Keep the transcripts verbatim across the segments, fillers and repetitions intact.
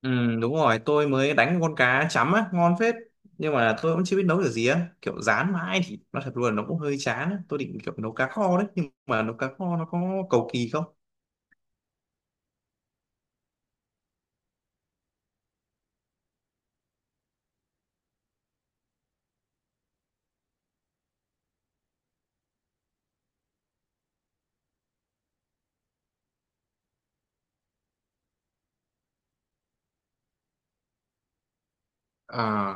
Ừ, đúng rồi, tôi mới đánh con cá chấm á, ngon phết. Nhưng mà tôi cũng chưa biết nấu kiểu gì á. Kiểu rán mãi thì nó thật luôn, nó cũng hơi chán á. Tôi định kiểu nấu cá kho đấy, nhưng mà nấu cá kho nó có cầu kỳ không? À,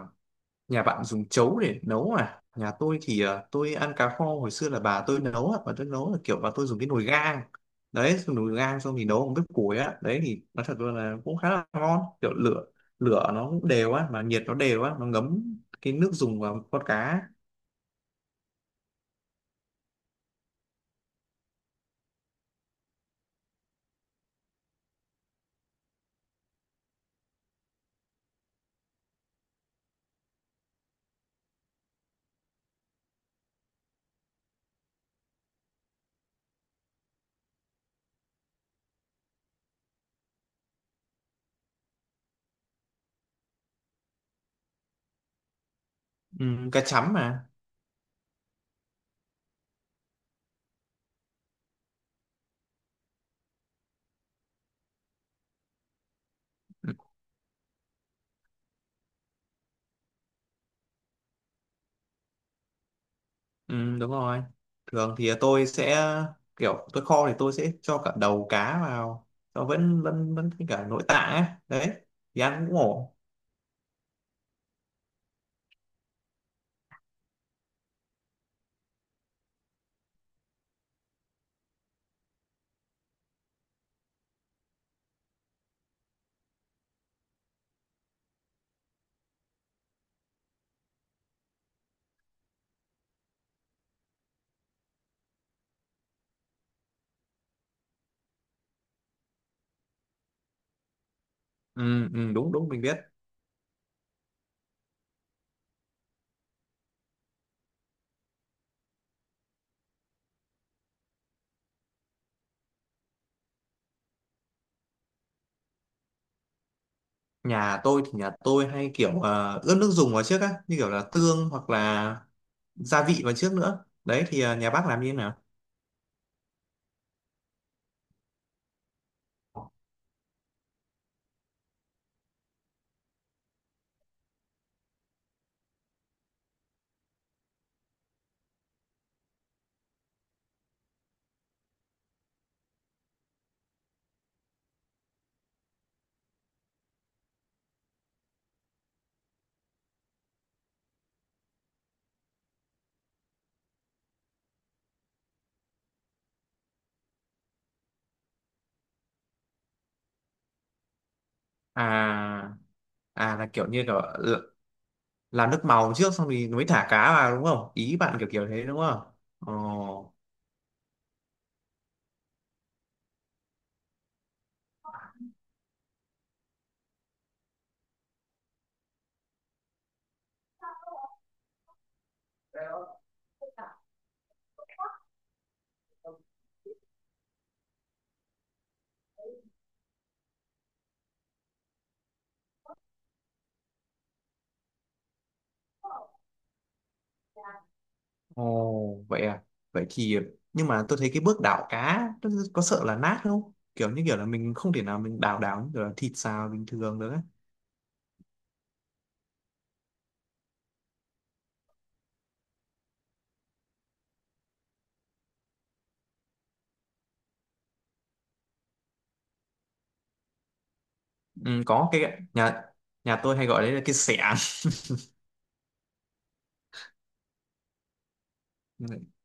nhà bạn dùng chấu để nấu à? Nhà tôi thì à, tôi ăn cá kho hồi xưa là bà tôi nấu á, bà tôi nấu là kiểu bà tôi dùng cái nồi gang. Đấy, dùng nồi gang xong thì nấu bằng bếp củi á. Đấy thì nó thật luôn là cũng khá là ngon, kiểu lửa lửa nó cũng đều á, mà nhiệt nó đều á, nó ngấm cái nước dùng vào con cá. Ừ, cá chấm mà. Ừ, ừ, đúng rồi. Thường thì tôi sẽ kiểu tôi kho thì tôi sẽ cho cả đầu cá vào nó vẫn vẫn vẫn với cả nội tạng ấy. Đấy thì ăn cũng ổn. Ừ, ừ, đúng đúng mình biết. Nhà tôi thì nhà tôi hay kiểu ờ, ướp nước dùng vào trước á, như kiểu là tương hoặc là gia vị vào trước nữa. Đấy thì ờ, nhà bác làm như thế nào? À à là kiểu như kiểu l- làm nước màu trước xong thì mới thả cá vào đúng không? Ý bạn kiểu kiểu thế đúng không? Ồ. Ồ, vậy à. Vậy thì nhưng mà tôi thấy cái bước đảo cá nó có sợ là nát không? Kiểu như kiểu là mình không thể nào mình đảo đảo như kiểu là thịt xào bình thường được ấy. Ừ, có cái nhà nhà tôi hay gọi đấy là cái xẻng.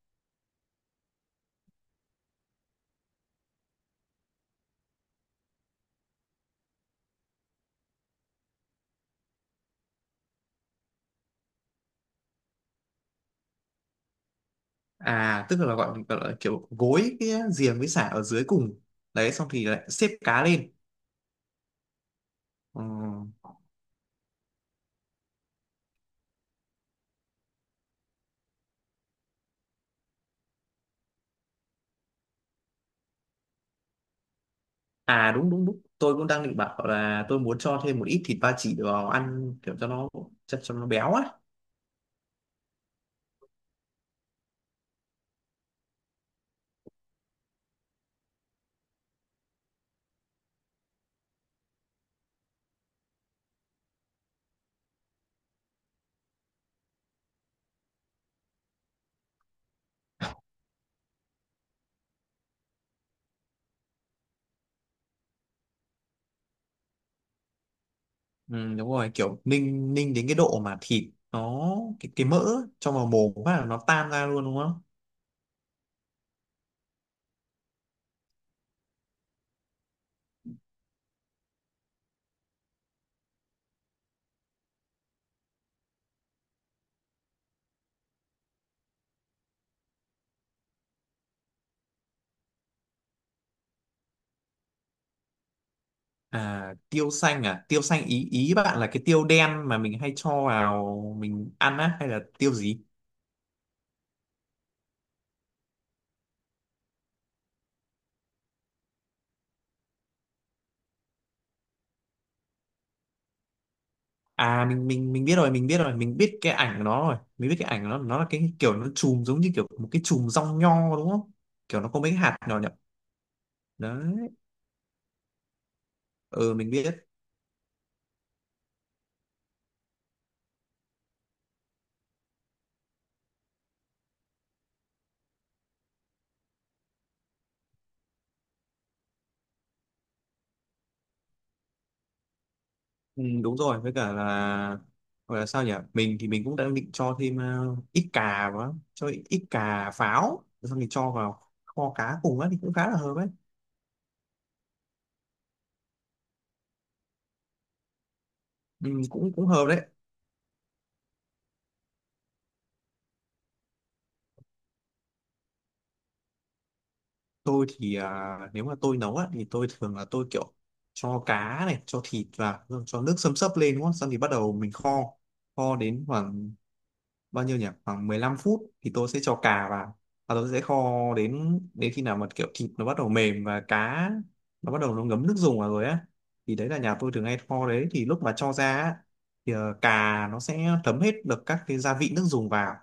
À, tức là gọi, gọi là kiểu gối cái giềng với sả ở dưới cùng. Đấy xong thì lại xếp cá lên. Ừ. À đúng đúng đúng. Tôi cũng đang định bảo là tôi muốn cho thêm một ít thịt ba chỉ vào ăn kiểu cho nó cho, cho nó béo á. Ừ, đúng rồi kiểu ninh ninh đến cái độ mà thịt nó cái cái mỡ trong vào mồm phát là nó tan ra luôn đúng không? À tiêu xanh, à tiêu xanh ý ý bạn là cái tiêu đen mà mình hay cho vào mình ăn á hay là tiêu gì? À mình mình mình biết rồi, mình biết rồi mình biết cái ảnh của nó rồi, mình biết cái ảnh của nó nó là cái kiểu nó chùm giống như kiểu một cái chùm rong nho đúng không, kiểu nó có mấy cái hạt nhỏ nhỏ đấy, ừ mình biết. Ừ, đúng rồi với cả là gọi là sao nhỉ, mình thì mình cũng đang định cho thêm ờ, ít cà vào, cho ít ít cà pháo rồi xong thì cho vào kho cá cùng á thì cũng khá là hợp ấy. Ừ, cũng cũng hợp đấy. Tôi thì à, nếu mà tôi nấu á thì tôi thường là tôi kiểu cho cá này cho thịt vào rồi cho nước xâm xấp lên đúng không, xong thì bắt đầu mình kho, kho đến khoảng bao nhiêu nhỉ, khoảng mười lăm phút thì tôi sẽ cho cà vào, và tôi sẽ kho đến đến khi nào mà kiểu thịt nó bắt đầu mềm và cá nó bắt đầu nó ngấm nước dùng vào rồi á. Thì đấy là nhà tôi thường hay kho đấy, thì lúc mà cho ra á, thì ờ, cà nó sẽ thấm hết được các cái gia vị nước dùng vào.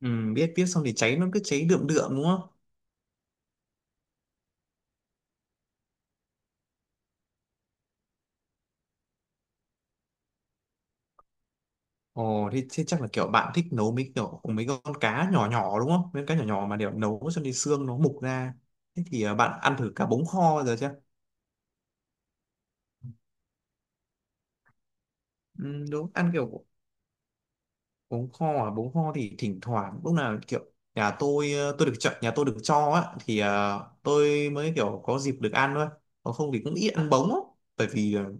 Ừ, biết biết, xong thì cháy nó cứ cháy đượm đượm đúng không? Ồ thì, thế chắc là kiểu bạn thích nấu mấy kiểu mấy con cá nhỏ nhỏ đúng không? Mấy con cá nhỏ nhỏ mà để nấu cho nên xương nó mục ra. Thế thì ờ, bạn ăn thử cá bống kho giờ chưa? Ừ, đúng ăn kiểu bún kho à, bún kho thì thỉnh thoảng lúc nào kiểu nhà tôi ờ, tôi được chọn, nhà tôi được cho á, thì ờ, tôi mới kiểu có dịp được ăn thôi, còn không thì cũng ít ăn bống á, bởi vì ờ,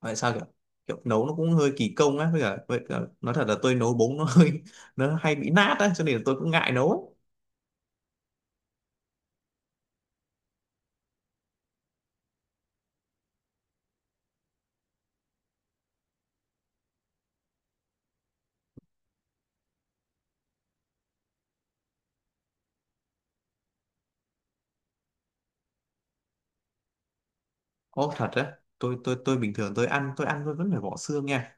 tại sao kiểu kiểu nấu nó cũng hơi kỳ công á, với cả, với cả nói thật là tôi nấu bống nó hơi nó hay bị nát á cho nên là tôi cũng ngại nấu. Ô thật á? Tôi tôi tôi bình thường tôi ăn tôi ăn tôi vẫn phải bỏ xương nha.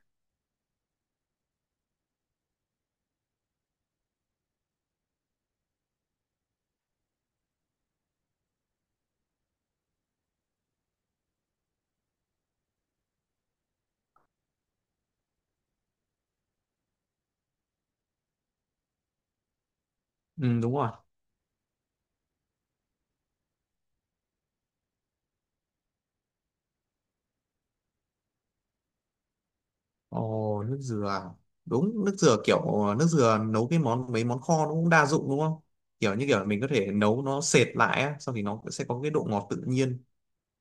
Ừ, đúng rồi. Ồ, nước dừa. À? Đúng, nước dừa kiểu ờ, nước dừa nấu cái món mấy món kho nó cũng đa dụng đúng không? Kiểu như kiểu mình có thể nấu nó sệt lại á, xong thì nó sẽ có cái độ ngọt tự nhiên.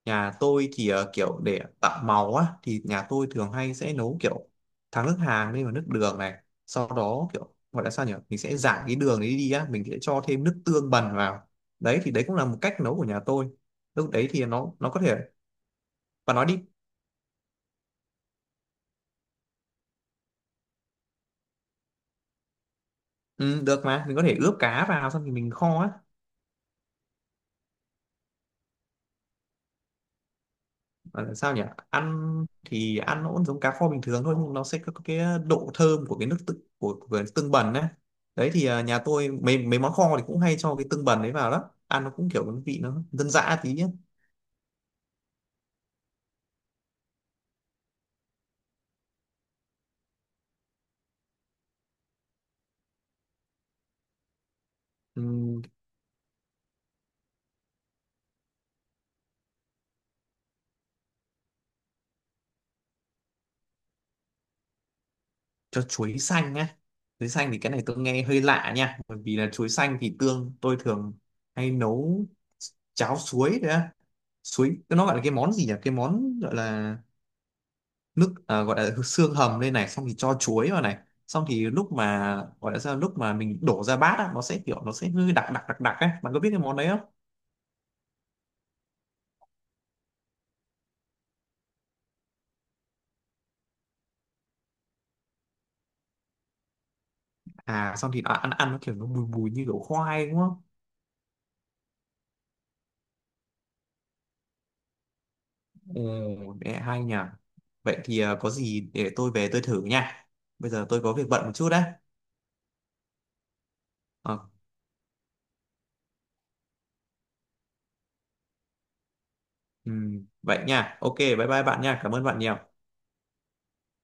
Nhà tôi thì ờ, kiểu để tạo màu á thì nhà tôi thường hay sẽ nấu kiểu thắng nước hàng lên vào nước đường này, sau đó kiểu gọi là sao nhỉ? Mình sẽ rải cái đường đấy đi á, mình sẽ cho thêm nước tương bần vào. Đấy thì đấy cũng là một cách nấu của nhà tôi. Lúc đấy thì nó nó có thể và nói đi. Ừ, được mà, mình có thể ướp cá vào xong thì mình kho á. Gọi là sao nhỉ, ăn thì ăn nó cũng giống cá kho bình thường thôi, nhưng nó sẽ có cái độ thơm của cái nước tự của, của tương bần đấy. Đấy thì à, nhà tôi mấy mấy món kho thì cũng hay cho cái tương bần đấy vào, đó ăn nó cũng kiểu cái vị nó dân dã tí ấy. Ừm, cho chuối xanh á? Chuối xanh thì cái này tôi nghe hơi lạ nha, bởi vì là chuối xanh thì tương tôi thường hay nấu cháo suối đấy á. Suối nó gọi là cái món gì nhỉ, cái món gọi là nước à, gọi là xương hầm lên này xong thì cho chuối vào này, xong thì lúc mà gọi là sao, lúc mà mình đổ ra bát á, nó sẽ kiểu nó sẽ hơi đặc đặc đặc đặc ấy, bạn có biết cái món đấy không? À xong thì nó ăn, ăn nó kiểu nó bùi bùi như kiểu khoai đúng không? Ồ, mẹ hay nhỉ. Vậy thì à, có gì để tôi về tôi thử nha, bây giờ tôi có việc bận một chút đấy. Ờ, ừm, vậy nha, ok, bye bye bạn nha, cảm ơn bạn nhiều.